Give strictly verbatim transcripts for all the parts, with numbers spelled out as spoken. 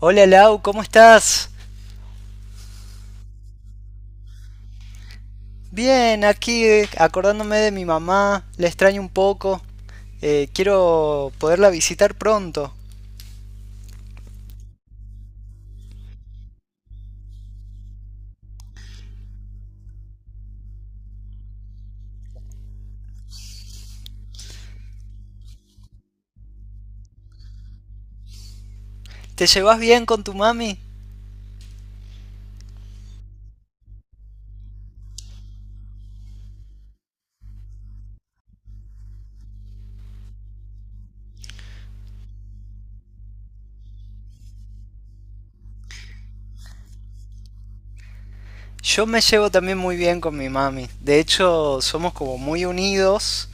Hola Lau, ¿cómo estás? Bien, aquí eh, acordándome de mi mamá, la extraño un poco. Eh, quiero poderla visitar pronto. ¿Te llevas bien con tu mami? Yo me llevo también muy bien con mi mami. De hecho, somos como muy unidos.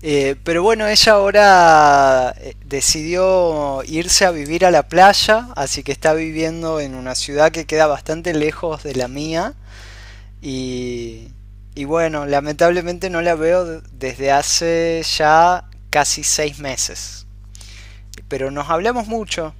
Eh, pero bueno, ella ahora eh, decidió irse a vivir a la playa, así que está viviendo en una ciudad que queda bastante lejos de la mía. Y, y bueno, lamentablemente no la veo desde hace ya casi seis meses. Pero nos hablamos mucho.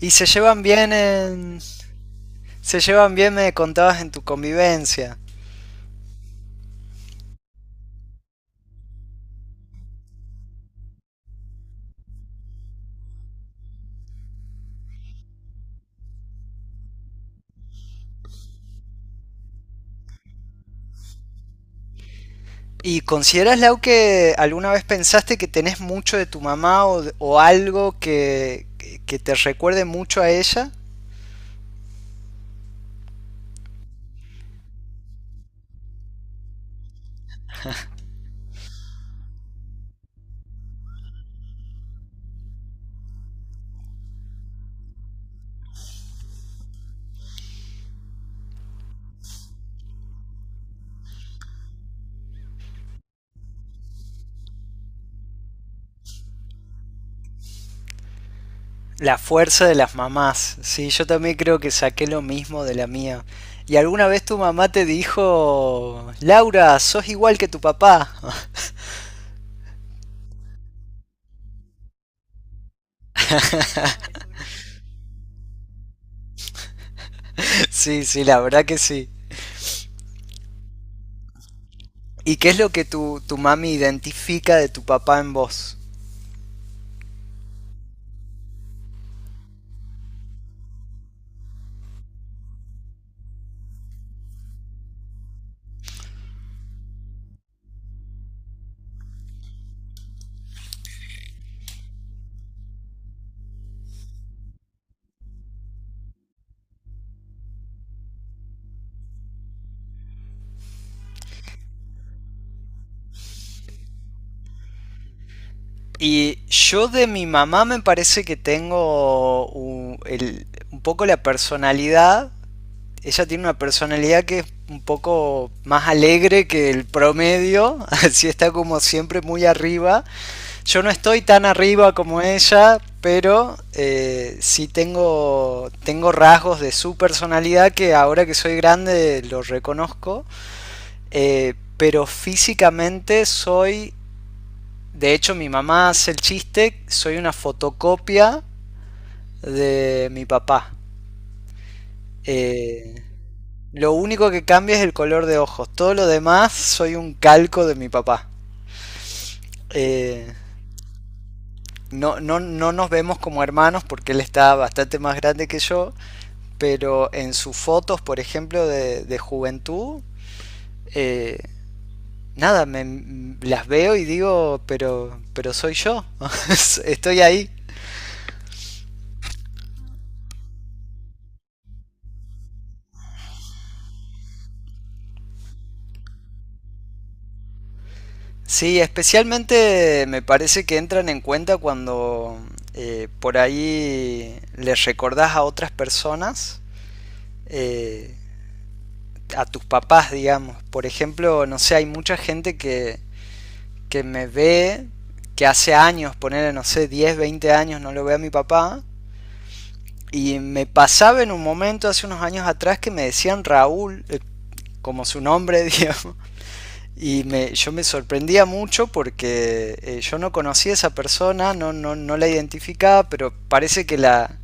Y se llevan bien en... Se llevan bien, me contabas, en tu convivencia. ¿Y consideras, Lau, que alguna vez pensaste que tenés mucho de tu mamá o, o algo que, que te recuerde mucho a ella? La fuerza de las mamás. Sí, yo también creo que saqué lo mismo de la mía. ¿Y alguna vez tu mamá te dijo, Laura, sos igual que tu papá? Sí, sí, la verdad que sí. ¿Y qué es lo que tu, tu mami identifica de tu papá en vos? Y yo de mi mamá me parece que tengo un, el- un poco la personalidad. Ella tiene una personalidad que es un poco más alegre que el promedio, así está como siempre muy arriba. Yo no estoy tan arriba como ella, pero eh, sí tengo, tengo rasgos de su personalidad que ahora que soy grande los reconozco. Eh, pero físicamente soy, de hecho mi mamá hace el chiste, soy una fotocopia de mi papá. Eh, lo único que cambia es el color de ojos. Todo lo demás soy un calco de mi papá. Eh, no, no, no nos vemos como hermanos porque él está bastante más grande que yo. Pero en sus fotos, por ejemplo, de, de juventud, eh, nada, me, las veo y digo, pero, pero soy yo, estoy ahí. Sí, especialmente me parece que entran en cuenta cuando eh, por ahí les recordás a otras personas, eh, a tus papás, digamos. Por ejemplo, no sé, hay mucha gente que, que me ve, que hace años, poner, no sé, diez, veinte años no lo ve a mi papá. Y me pasaba en un momento hace unos años atrás que me decían Raúl, eh, como su nombre, digamos. Y me, yo me sorprendía mucho porque eh, yo no conocía a esa persona, no, no, no la identificaba, pero parece que la,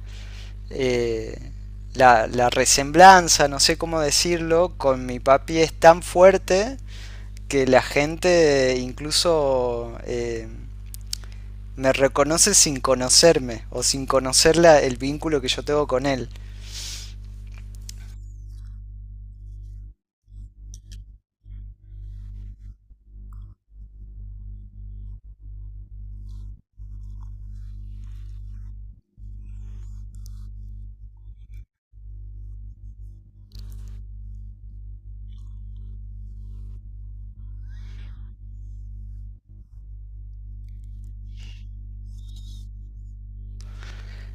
eh, la, la resemblanza, no sé cómo decirlo, con mi papi es tan fuerte que la gente incluso eh, me reconoce sin conocerme o sin conocer la- el vínculo que yo tengo con él.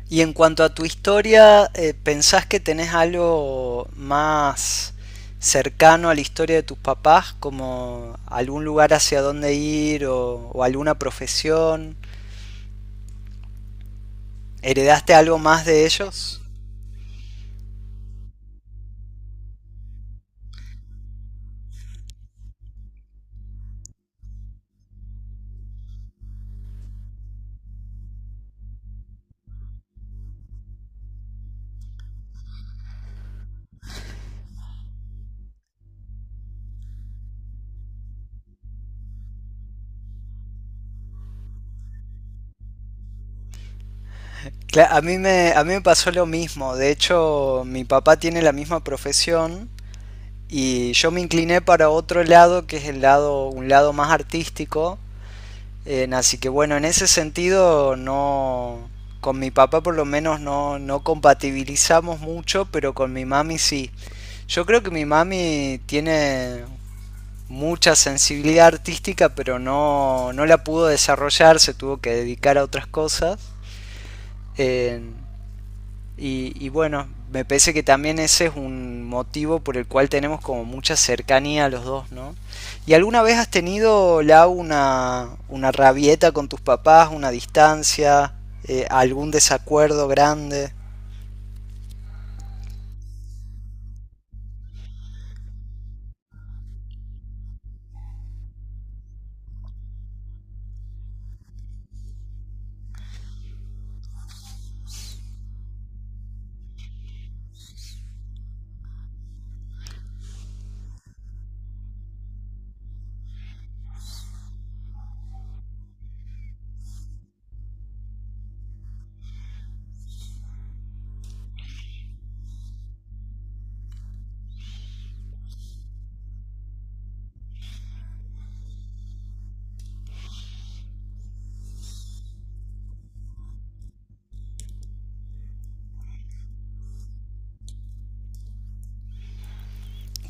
Y en cuanto a tu historia, eh, ¿pensás que tenés algo más cercano a la historia de tus papás, como algún lugar hacia dónde ir o, o alguna profesión? ¿Heredaste algo más de ellos? Cla- A mí, me, a mí me pasó lo mismo, de hecho mi papá tiene la misma profesión y yo me incliné para otro lado que es el lado, un lado más artístico. Eh, así que bueno, en ese sentido no... Con mi papá por lo menos no, no compatibilizamos mucho, pero con mi mami sí. Yo creo que mi mami tiene mucha sensibilidad artística, pero no, no la pudo desarrollar, se tuvo que dedicar a otras cosas. Eh, y, y bueno, me parece que también ese es un motivo por el cual tenemos como mucha cercanía a los dos, ¿no? ¿Y alguna vez has tenido, Lau, una, una rabieta con tus papás, una distancia, eh, algún desacuerdo grande?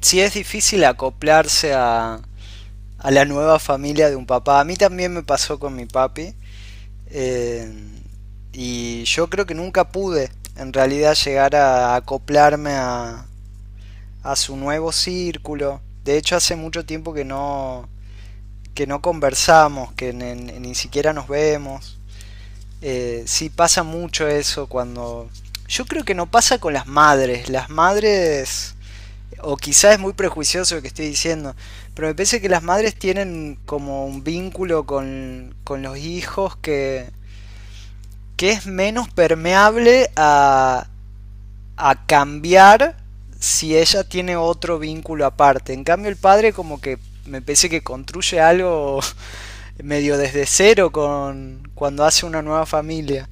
Sí, es difícil acoplarse a, a la nueva familia de un papá. A mí también me pasó con mi papi. eh, y yo creo que nunca pude en realidad llegar a acoplarme a, a su nuevo círculo. De hecho, hace mucho tiempo que no, que no conversamos, que ni, ni siquiera nos vemos. Eh, sí pasa mucho eso cuando... Yo creo que no pasa con las madres. Las madres... O quizás es muy prejuicioso lo que estoy diciendo. Pero me parece que las madres tienen como un vínculo con, con los hijos que, que es menos permeable a, a cambiar si ella tiene otro vínculo aparte. En cambio, el padre como que me parece que construye algo medio desde cero con cuando hace una nueva familia.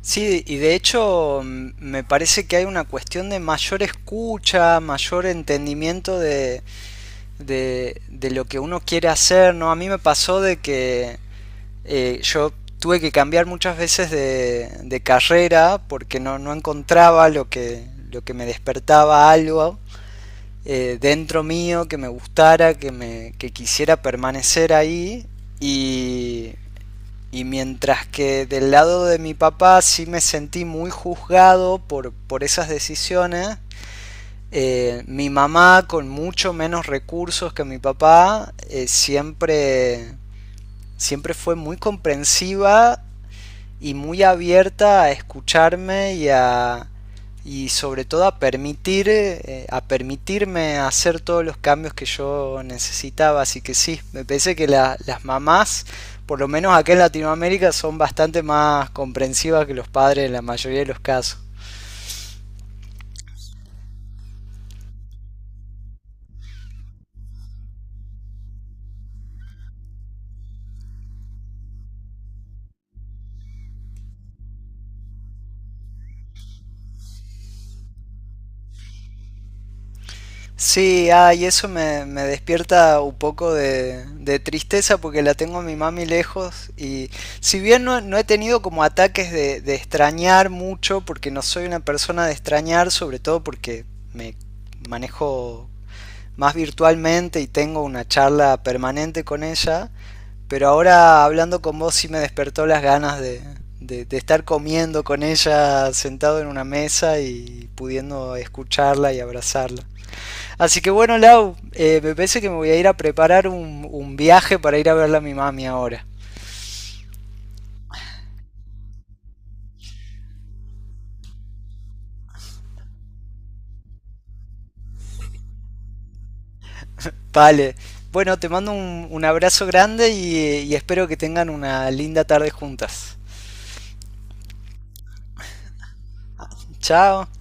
Sí, y de hecho mm, me parece que hay una cuestión de mayor escucha, mayor entendimiento de, de, de lo que uno quiere hacer, ¿no? A mí me pasó de que eh, yo tuve que cambiar muchas veces de, de carrera porque no, no encontraba lo que, lo que me despertaba algo eh, dentro mío que me gustara, que, me, que quisiera permanecer ahí. Y, y mientras que del lado de mi papá sí me sentí muy juzgado por, por esas decisiones, eh, mi mamá con mucho menos recursos que mi papá eh, siempre, siempre fue muy comprensiva y muy abierta a escucharme y a y sobre todo a permitir eh, a permitirme hacer todos los cambios que yo necesitaba, así que sí me parece que la- las mamás por lo menos acá en Latinoamérica son bastante más comprensivas que los padres en la mayoría de los casos. Sí, ah, y eso me, me despierta un poco de, de tristeza porque la tengo a mi mami lejos, y si bien no, no he tenido como ataques de, de extrañar mucho porque no soy una persona de extrañar, sobre todo porque me manejo más virtualmente y tengo una charla permanente con ella, pero ahora hablando con vos sí me despertó las ganas de, de- de estar comiendo con ella sentado en una mesa y pudiendo escucharla y abrazarla. Así que bueno, Lau, eh, me parece que me voy a ir a preparar un, un viaje para ir a verla a mi mami ahora. Vale. Bueno, te mando un, un abrazo grande y, y espero que tengan una linda tarde juntas. Chao.